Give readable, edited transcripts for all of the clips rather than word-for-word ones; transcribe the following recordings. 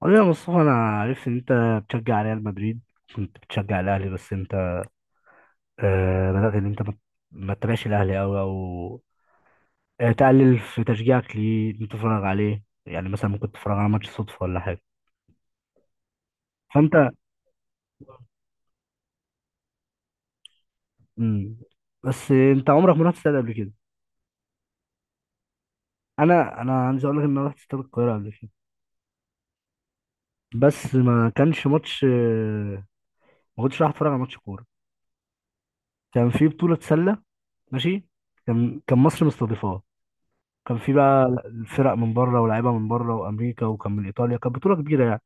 قول لي يا مصطفى، انا عرفت ان انت بتشجع ريال مدريد. كنت بتشجع الاهلي، بس انت بدأت ان انت ما تتابعش الاهلي قوي، او تقلل في تشجيعك. ليه إن أنت تتفرج عليه؟ يعني مثلا ممكن تتفرج على ماتش صدفة ولا حاجة؟ فانت... مم. بس انت عمرك ما رحت استاد قبل كده. انا عايز اقول لك ان انا رحت استاد القاهرة قبل كده، بس ما كانش ماتش. ما كنتش رايح اتفرج على ماتش كورة، كان في بطولة سلة. ماشي. كان مصر مستضيفاه. كان في بقى الفرق من بره، ولاعيبه من بره وامريكا، وكان من ايطاليا. كانت بطوله كبيره يعني.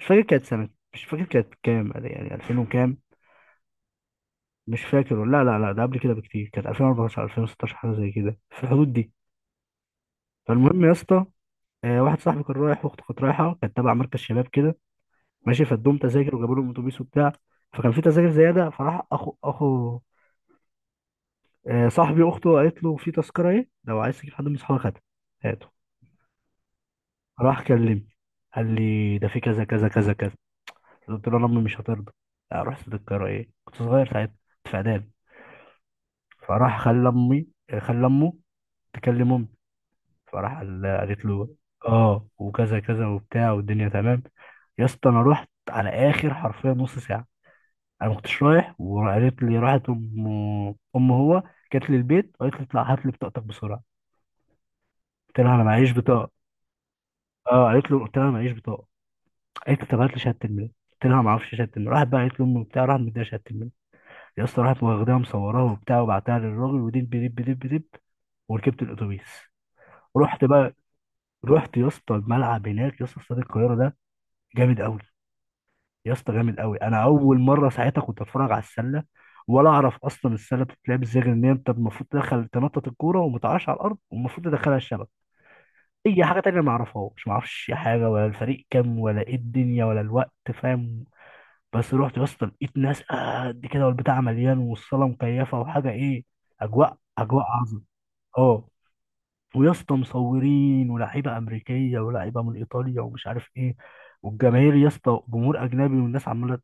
مش فاكر كانت سنه، مش فاكر كانت كام، يعني 2000 وكام. مش فاكر، لا لا لا، ده قبل كده بكتير، كانت 2014 2016، حاجه زي كده، في الحدود دي. فالمهم يا اسطى، واحد صاحبي كان رايح، واخته كانت رايحه، كانت تبع مركز شباب كده. ماشي، فادوهم تذاكر، وجابوا لهم اتوبيس وبتاع. فكان في تذاكر زياده، فراح اخو صاحبي، اخته قالت له في تذكره، ايه لو عايز تجيب حد من اصحابك؟ هاتها، هاته. راح كلمني، قال لي ده في كذا كذا كذا كذا. قلت له لأ، امي مش هترضى. رحت للقاهرة، ايه، كنت صغير ساعتها، كنت في اعدادي. فراح خلى امي، خلى امه تكلم امي. فراح قالت له اه وكذا كذا وبتاع والدنيا تمام. يا اسطى انا رحت على اخر، حرفيا نص ساعه، انا ما كنتش رايح، وقالت لي، راحت ام هو جت لي البيت وقالت لي اطلع هات لي بطاقتك بسرعه. قلت لها انا معيش بطاقه. اه، قالت له، قلت لها انا معيش بطاقه. قالت لي طب هات لي شهاده الميلاد. قلت لها ما اعرفش شهاده الميلاد. راحت بقى قالت لي امي وبتاع، راحت مديها شهاده الميلاد. يا اسطى، راحت واخداها مصوراها وبتاع، وبعتها للراجل، ودب دب دب دب، وركبت الاتوبيس. رحت بقى، رحت يا اسطى الملعب هناك، يا اسطى استاد القاهره ده جامد قوي. يا اسطى جامد قوي، انا اول مره ساعتها كنت اتفرج على السله، ولا اعرف اصلا السله بتتلعب ازاي، غير ان انت المفروض تدخل تنطط الكوره، وما تقعش على الارض، والمفروض تدخلها الشبكه. اي حاجه تانية ما اعرفهاش، ما اعرفش حاجه، ولا الفريق كام، ولا ايه الدنيا، ولا الوقت، فاهم؟ بس رحت يا اسطى، لقيت ناس قد كده، والبتاع مليان، والصاله مكيفه، وحاجه، ايه، اجواء اجواء عظمه. اه، ويا اسطى مصورين، ولاعيبه امريكيه، ولاعيبه من ايطاليا، ومش عارف ايه، والجماهير يا اسطى، جمهور اجنبي، والناس عماله.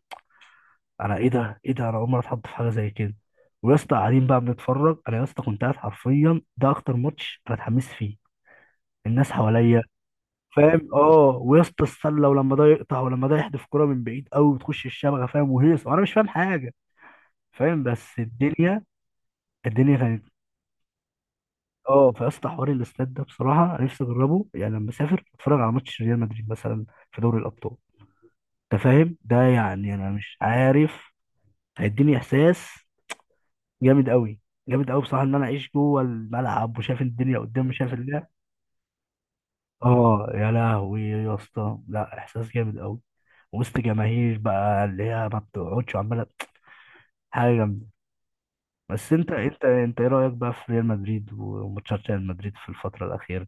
انا ايه ده ايه ده، انا اول مره اتحط في حاجه زي كده. ويا اسطى قاعدين بقى بنتفرج، انا يا اسطى كنت قاعد حرفيا، ده اكتر ماتش انا اتحمست فيه، الناس حواليا، فاهم؟ اه، ويا اسطى السله، ولما ده يقطع، ولما ده يحدف كرة من بعيد قوي وتخش الشبكه، فاهم، وهيص، وانا مش فاهم حاجه، فاهم؟ بس الدنيا، الدنيا كانت... اه، في اسطى حوار الاستاد ده، بصراحه أنا نفسي اجربه، يعني لما اسافر اتفرج على ماتش ريال مدريد مثلا في دوري الابطال. انت فاهم ده يعني؟ انا مش عارف، هيديني احساس جامد قوي، جامد قوي بصراحه، ان انا اعيش جوه الملعب، وشايف الدنيا قدامي، شايف اللعب. اه يا لهوي يا اسطى، لا احساس جامد قوي، وسط جماهير بقى اللي هي ما بتقعدش عماله، حاجه جامده. بس انت ايه رايك بقى في ريال مدريد، وماتشات ريال مدريد في الفتره الاخيره؟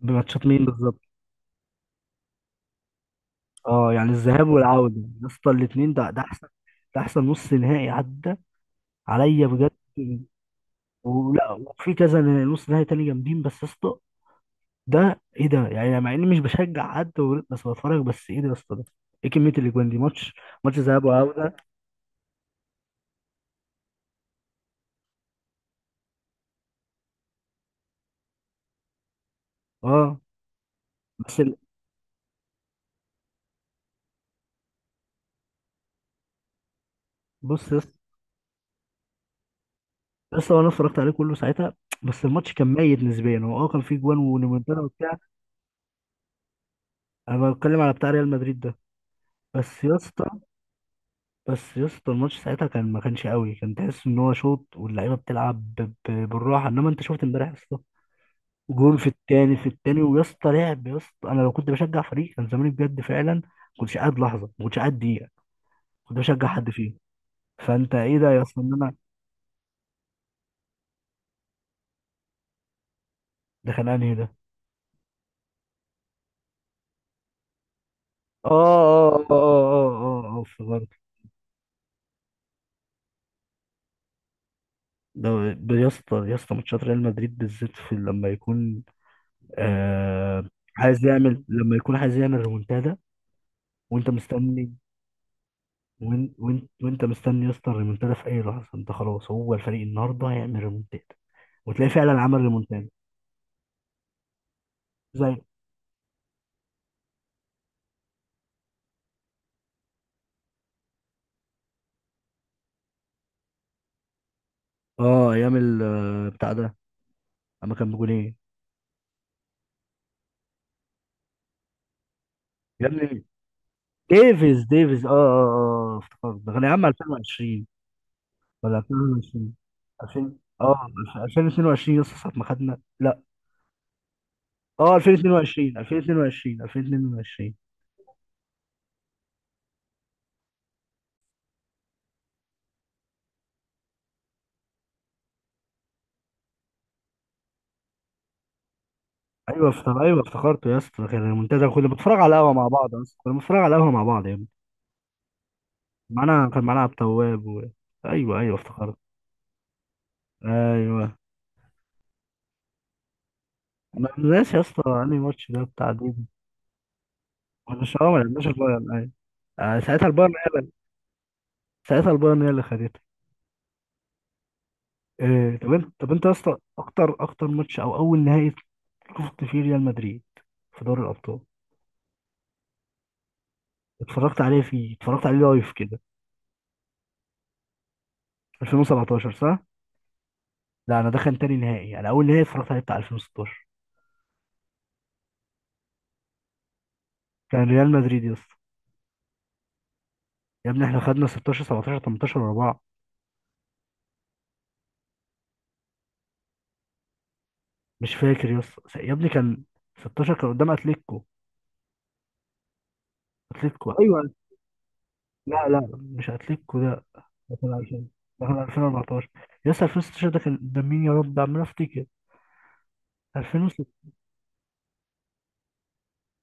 بماتشات مين بالظبط؟ اه يعني الذهاب والعودة يا اسطى، الاتنين، ده احسن، ده احسن نص نهائي عدى عليا بجد. ولا وفي كذا نص نهائي تاني جامدين، بس يا اسطى ده ايه ده يعني؟ مع اني مش بشجع حد بس بتفرج، بس ايه ده يا اسطى ده؟ ايه كمية الاجوان دي؟ ماتش، ماتش ذهاب وعودة. اه، بس ال... بص يا اسطى. يا اسطى انا اتفرجت عليه كله ساعتها، بس الماتش كان ميت نسبيا، هو اه كان فيه جوان وريمونتادا وبتاع. انا بتكلم على بتاع ريال مدريد ده. بس يا اسطى، بس يا اسطى الماتش ساعتها كان، ما كانش قوي، كان تحس ان هو شوط، واللعيبه بتلعب بالراحه. انما انت شفت امبارح يا اسطى، جول في التاني في التاني، ويا اسطى لعب، يا اسطى انا لو كنت بشجع فريق كان زماني بجد فعلا ما كنتش قاعد لحظه، ما كنتش قاعد دقيقه، كنت بشجع حد فيهم. فانت ايه ده يا اسطى، ان انا ده كان انهي ده؟ اه اه اه اه اه افتكرت. يا اسطى، يا اسطى ماتشات ريال مدريد بالذات، في لما يكون، آه عايز يعمل، لما يكون عايز يعمل ريمونتادا وانت مستني، وانت مستني يا اسطى الريمونتادا في اي لحظه، انت خلاص هو الفريق النهارده هيعمل ريمونتادا، وتلاقيه فعلا عمل ريمونتادا. زي اه ايام بتاع ده، اما كان بجونين يا ابني. ديفيز اه افتكرت، ده كان يا عم 2020 ولا 2020، 2000، 2022. يا اسطى ساعه ما خدنا، لا اه، 2022 2022 2022. ايوه افتكر، ايوه افتكرته يا اسطى، كان المنتدى، كنا بنتفرج على القهوه مع بعض، اصلا كنا بنتفرج على القهوه مع بعض يا ابني. كان معانا عبد التواب ايوه ايوه افتكرت. ايوه، انا ناسي يا اسطى انهي ماتش ده بتاع دي. احنا مش اه ما لعبناش البايرن، ايوه. آه، ساعتها البايرن هي اللي ساعتها البايرن هي اللي خدتها. إيه طب انت يا اسطى، اكتر ماتش، او اول نهائي شفت فيه ريال مدريد في دوري الابطال، اتفرجت عليه فيه، اتفرجت عليه لايف كده؟ 2017 صح؟ لا، انا ده كان تاني نهائي، انا اول نهائي اتفرجت عليه بتاع 2016. كان ريال مدريد يا اسطى، يا ابني احنا خدنا 16 17 18 ورا بعض. مش فاكر، يس يا ابني كان 16 كان قدام اتلتيكو، اتلتيكو ايوه. لا لا مش اتلتيكو ده، ده كان 2000، ده كان 2014. يس 2016 ده كان قدام مين يا رب؟ عمال افتكر. 2006؟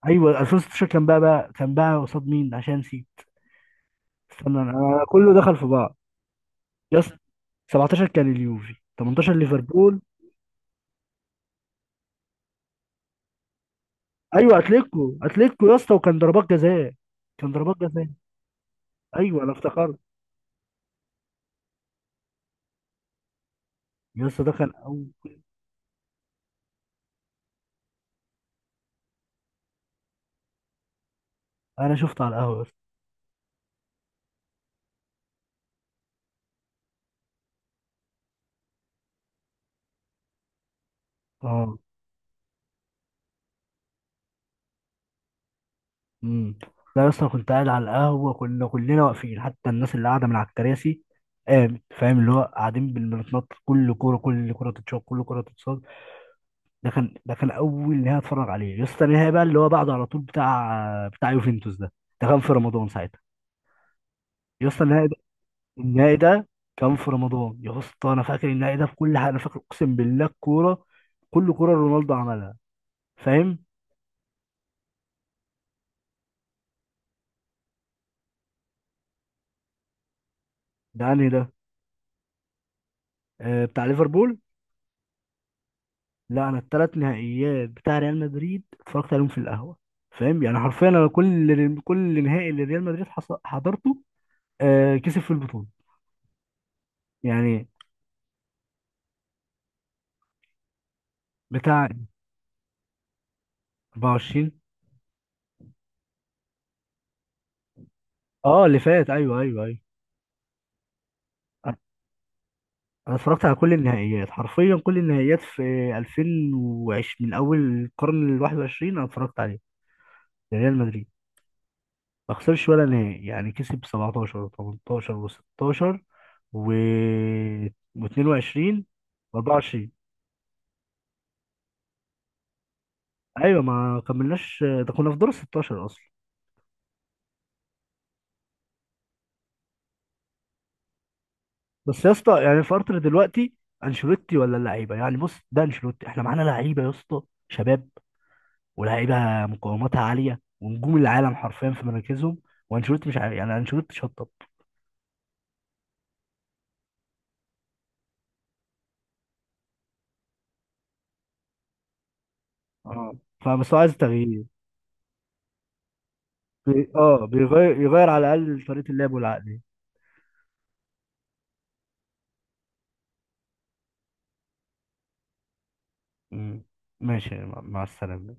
ايوه 2016 كان بقى، قصاد مين عشان نسيت؟ استنى أنا كله دخل في بعض. يس، 17 كان اليوفي، 18 ليفربول. ايوه اتلتيكو، اتلتيكو يا اسطى، وكان ضربات جزاء، كان ضربات جزاء. ايوه انا افتكرت، يا اسطى ده كان اول. انا شفته على القهوه يا اسطى. اه، امم. لا يا اسطى، كنت قاعد على القهوه، كنا كلنا واقفين، حتى الناس اللي قاعده من على الكراسي قامت، فاهم، اللي هو قاعدين بنتنطط كل كوره، كل كوره تتشاط، كل كوره تتصاد. ده كان اول نهائي اتفرج عليه يا اسطى. النهائي بقى اللي هو بعده على طول بتاع يوفنتوس ده، ده كان في رمضان ساعتها، يا اسطى النهائي ده، النهائي ده كان في رمضان يا اسطى. انا فاكر النهائي ده في كل حاجه، انا فاكر اقسم بالله الكوره، كل كوره رونالدو عملها، فاهم؟ ده انهي ده؟ آه بتاع ليفربول. لا انا الثلاث نهائيات بتاع ريال مدريد اتفرجت عليهم في القهوه، فاهم يعني حرفيا، انا كل نهائي اللي ريال مدريد حضرته، آه، كسب في البطوله، يعني. بتاع 24، اه اللي فات، ايوه ايوه ايوه. انا أنا اتفرجت على كل النهائيات حرفيا، كل النهائيات في 2020، من اول القرن ال 21 انا اتفرجت عليه. ريال مدريد ما خسرش ولا نهائي، يعني كسب 17 و18 و16 و، و22 و24. ايوه ما كملناش، ده كنا في دور ال 16 اصلا. بس يا اسطى، يعني الفرق دلوقتي انشيلوتي ولا اللعيبه؟ يعني بص، ده انشيلوتي احنا معانا لعيبه يا اسطى شباب، ولاعيبه مقاوماتها عاليه، ونجوم العالم حرفيا في مراكزهم. وانشيلوتي مش عارف، يعني انشيلوتي شطب، اه، فبس هو عايز تغيير. بي... اه بيغير، يغير على الاقل طريقه اللعب والعقليه. مم. ماشي، مع السلامه.